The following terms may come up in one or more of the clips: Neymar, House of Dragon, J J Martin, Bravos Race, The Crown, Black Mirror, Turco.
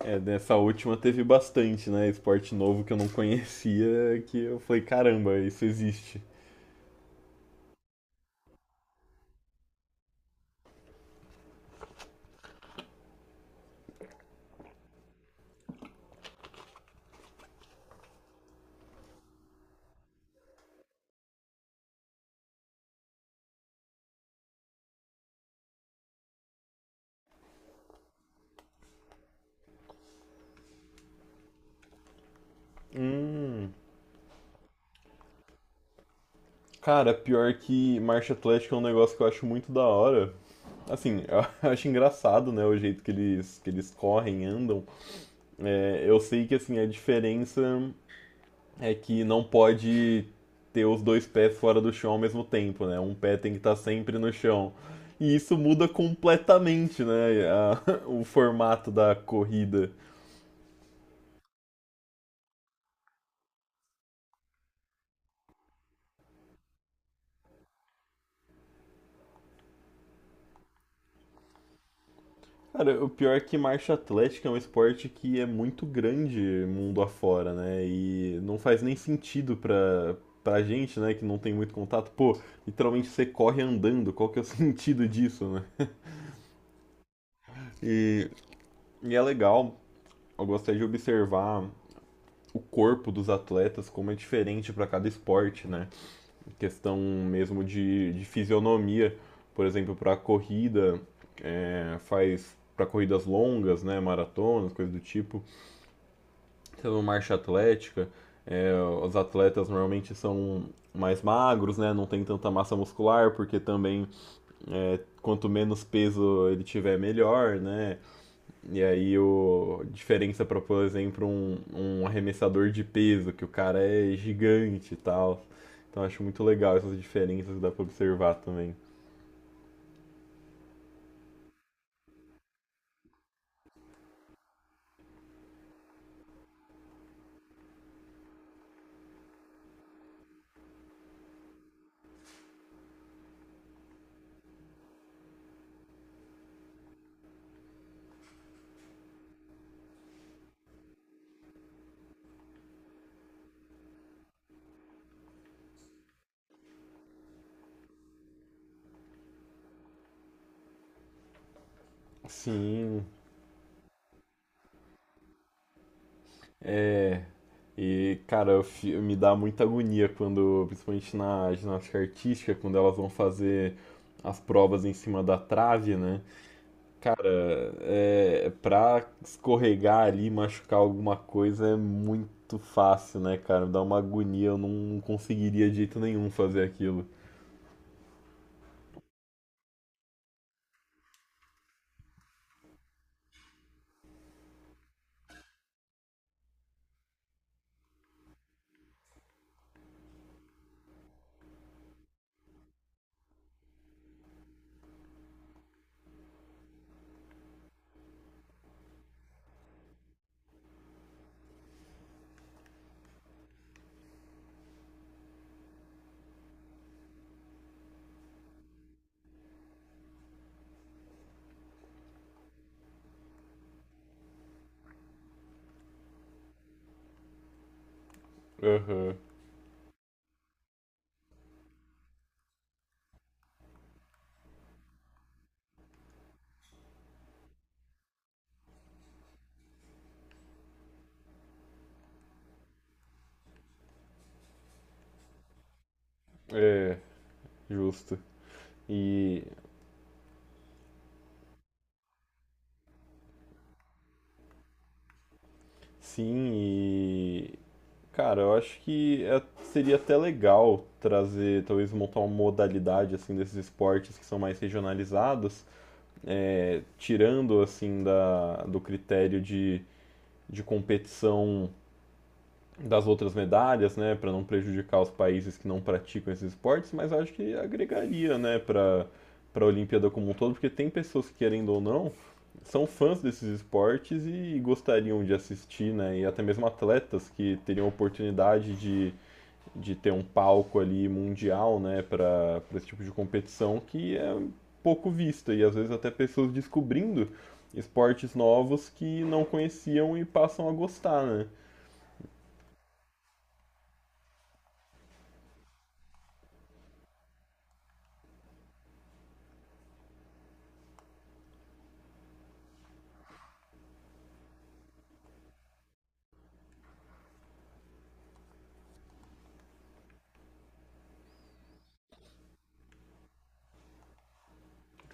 É, dessa última teve bastante, né? Esporte novo que eu não conhecia, que eu falei, caramba, isso existe. Cara, pior que marcha atlética é um negócio que eu acho muito da hora. Assim, eu acho engraçado, né, o jeito que eles correm, andam. É, eu sei que, assim, a diferença é que não pode ter os dois pés fora do chão ao mesmo tempo, né? Um pé tem que estar sempre no chão. E isso muda completamente, né, o formato da corrida. Cara, o pior é que marcha atlética é um esporte que é muito grande mundo afora, né? E não faz nem sentido pra gente, né, que não tem muito contato. Pô, literalmente você corre andando, qual que é o sentido disso, né? E, e é legal, eu gostaria de observar o corpo dos atletas, como é diferente para cada esporte, né? Questão mesmo de fisionomia, por exemplo, para corrida, faz para corridas longas, né, maratonas, coisa do tipo. Então, marcha atlética, é, os atletas normalmente são mais magros, né? Não tem tanta massa muscular, porque também, quanto menos peso ele tiver, melhor, né? E aí o a diferença para, por exemplo, um arremessador de peso, que o cara é gigante e tal. Então acho muito legal essas diferenças que dá para observar também. Sim, é. E, cara, me dá muita agonia quando, principalmente na ginástica artística, quando elas vão fazer as provas em cima da trave, né? Cara, é, pra escorregar ali, machucar alguma coisa é muito fácil, né, cara? Me dá uma agonia, eu não conseguiria de jeito nenhum fazer aquilo. Aham, é, justo. E, sim, e cara, eu acho que seria até legal trazer, talvez montar uma modalidade assim desses esportes que são mais regionalizados, é, tirando assim do critério de competição das outras medalhas, né, para não prejudicar os países que não praticam esses esportes, mas eu acho que agregaria, né, para a Olimpíada como um todo, porque tem pessoas que querendo ou não são fãs desses esportes e gostariam de assistir, né, e até mesmo atletas que teriam a oportunidade de ter um palco ali mundial, né, para esse tipo de competição que é pouco vista e às vezes até pessoas descobrindo esportes novos que não conheciam e passam a gostar, né?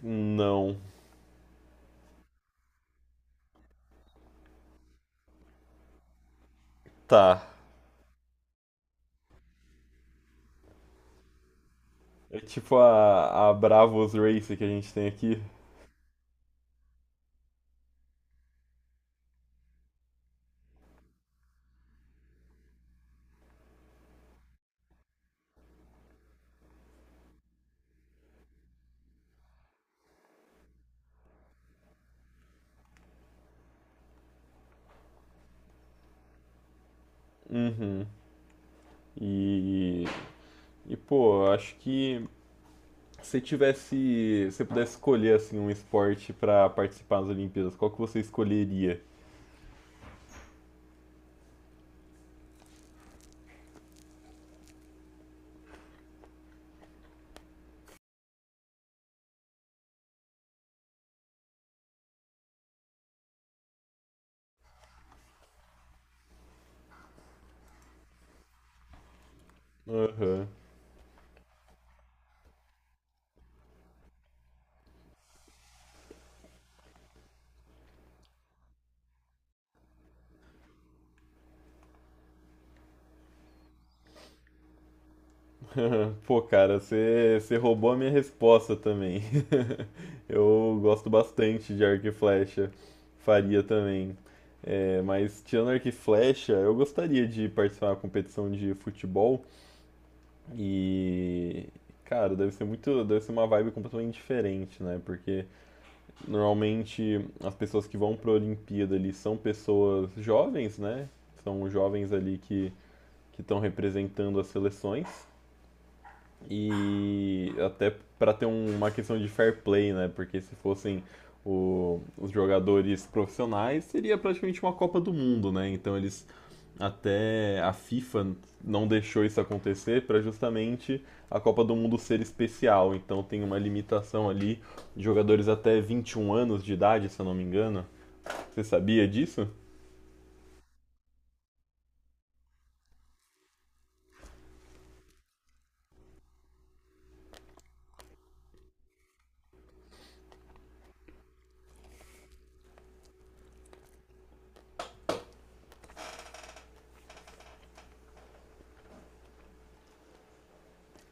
Não, tá. É tipo a Bravos Race que a gente tem aqui. Uhum. E, e pô, acho que se tivesse, se pudesse escolher assim um esporte para participar das Olimpíadas, qual que você escolheria? Aham. Pô, cara, você roubou a minha resposta também. Eu gosto bastante de arco e flecha. Faria também. É, mas tirando arco e flecha, eu gostaria de participar de uma competição de futebol. E, cara, deve ser uma vibe completamente diferente, né? Porque normalmente as pessoas que vão para a Olimpíada ali são pessoas jovens, né? São jovens ali que estão representando as seleções. E até para ter uma questão de fair play, né? Porque se fossem os jogadores profissionais, seria praticamente uma Copa do Mundo, né? Então eles, até a FIFA não deixou isso acontecer para justamente a Copa do Mundo ser especial. Então tem uma limitação ali de jogadores até 21 anos de idade, se eu não me engano. Você sabia disso?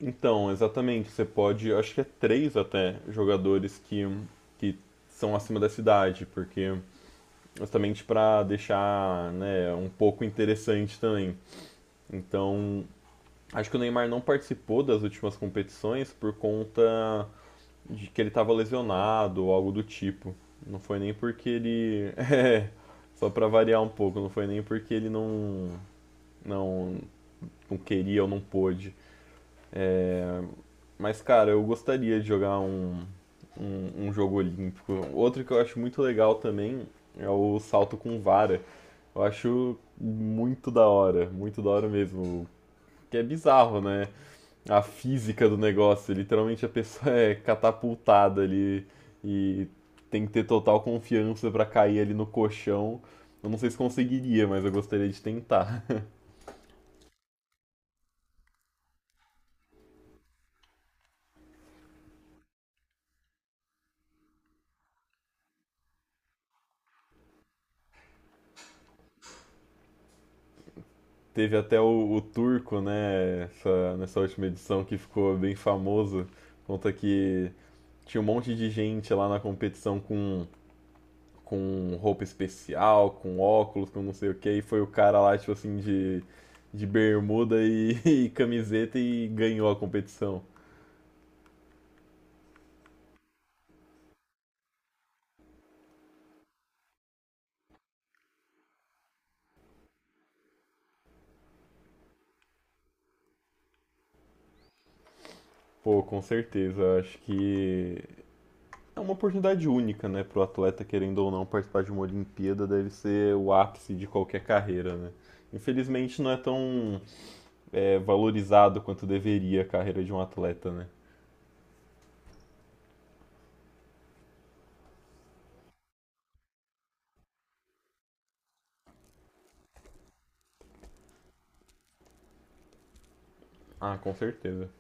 Então, exatamente, você pode, acho que é três até jogadores que são acima da idade porque justamente para deixar, né, um pouco interessante também. Então, acho que o Neymar não participou das últimas competições por conta de que ele estava lesionado ou algo do tipo. Não foi nem porque ele. É, só para variar um pouco, não foi nem porque ele não, não queria ou não pôde. É, mas, cara, eu gostaria de jogar um jogo olímpico. Outro que eu acho muito legal também é o salto com vara. Eu acho muito da hora mesmo. Que é bizarro, né? A física do negócio. Literalmente a pessoa é catapultada ali e tem que ter total confiança pra cair ali no colchão. Eu não sei se conseguiria, mas eu gostaria de tentar. Teve até o Turco, né, nessa última edição que ficou bem famoso, conta que tinha um monte de gente lá na competição com roupa especial, com óculos, com não sei o que, e foi o cara lá, tipo assim, de bermuda e, e camiseta e ganhou a competição. Pô, com certeza, eu acho que é uma oportunidade única, né, pro atleta, querendo ou não, participar de uma Olimpíada deve ser o ápice de qualquer carreira, né. Infelizmente não é tão, é, valorizado quanto deveria a carreira de um atleta, né? Ah, com certeza.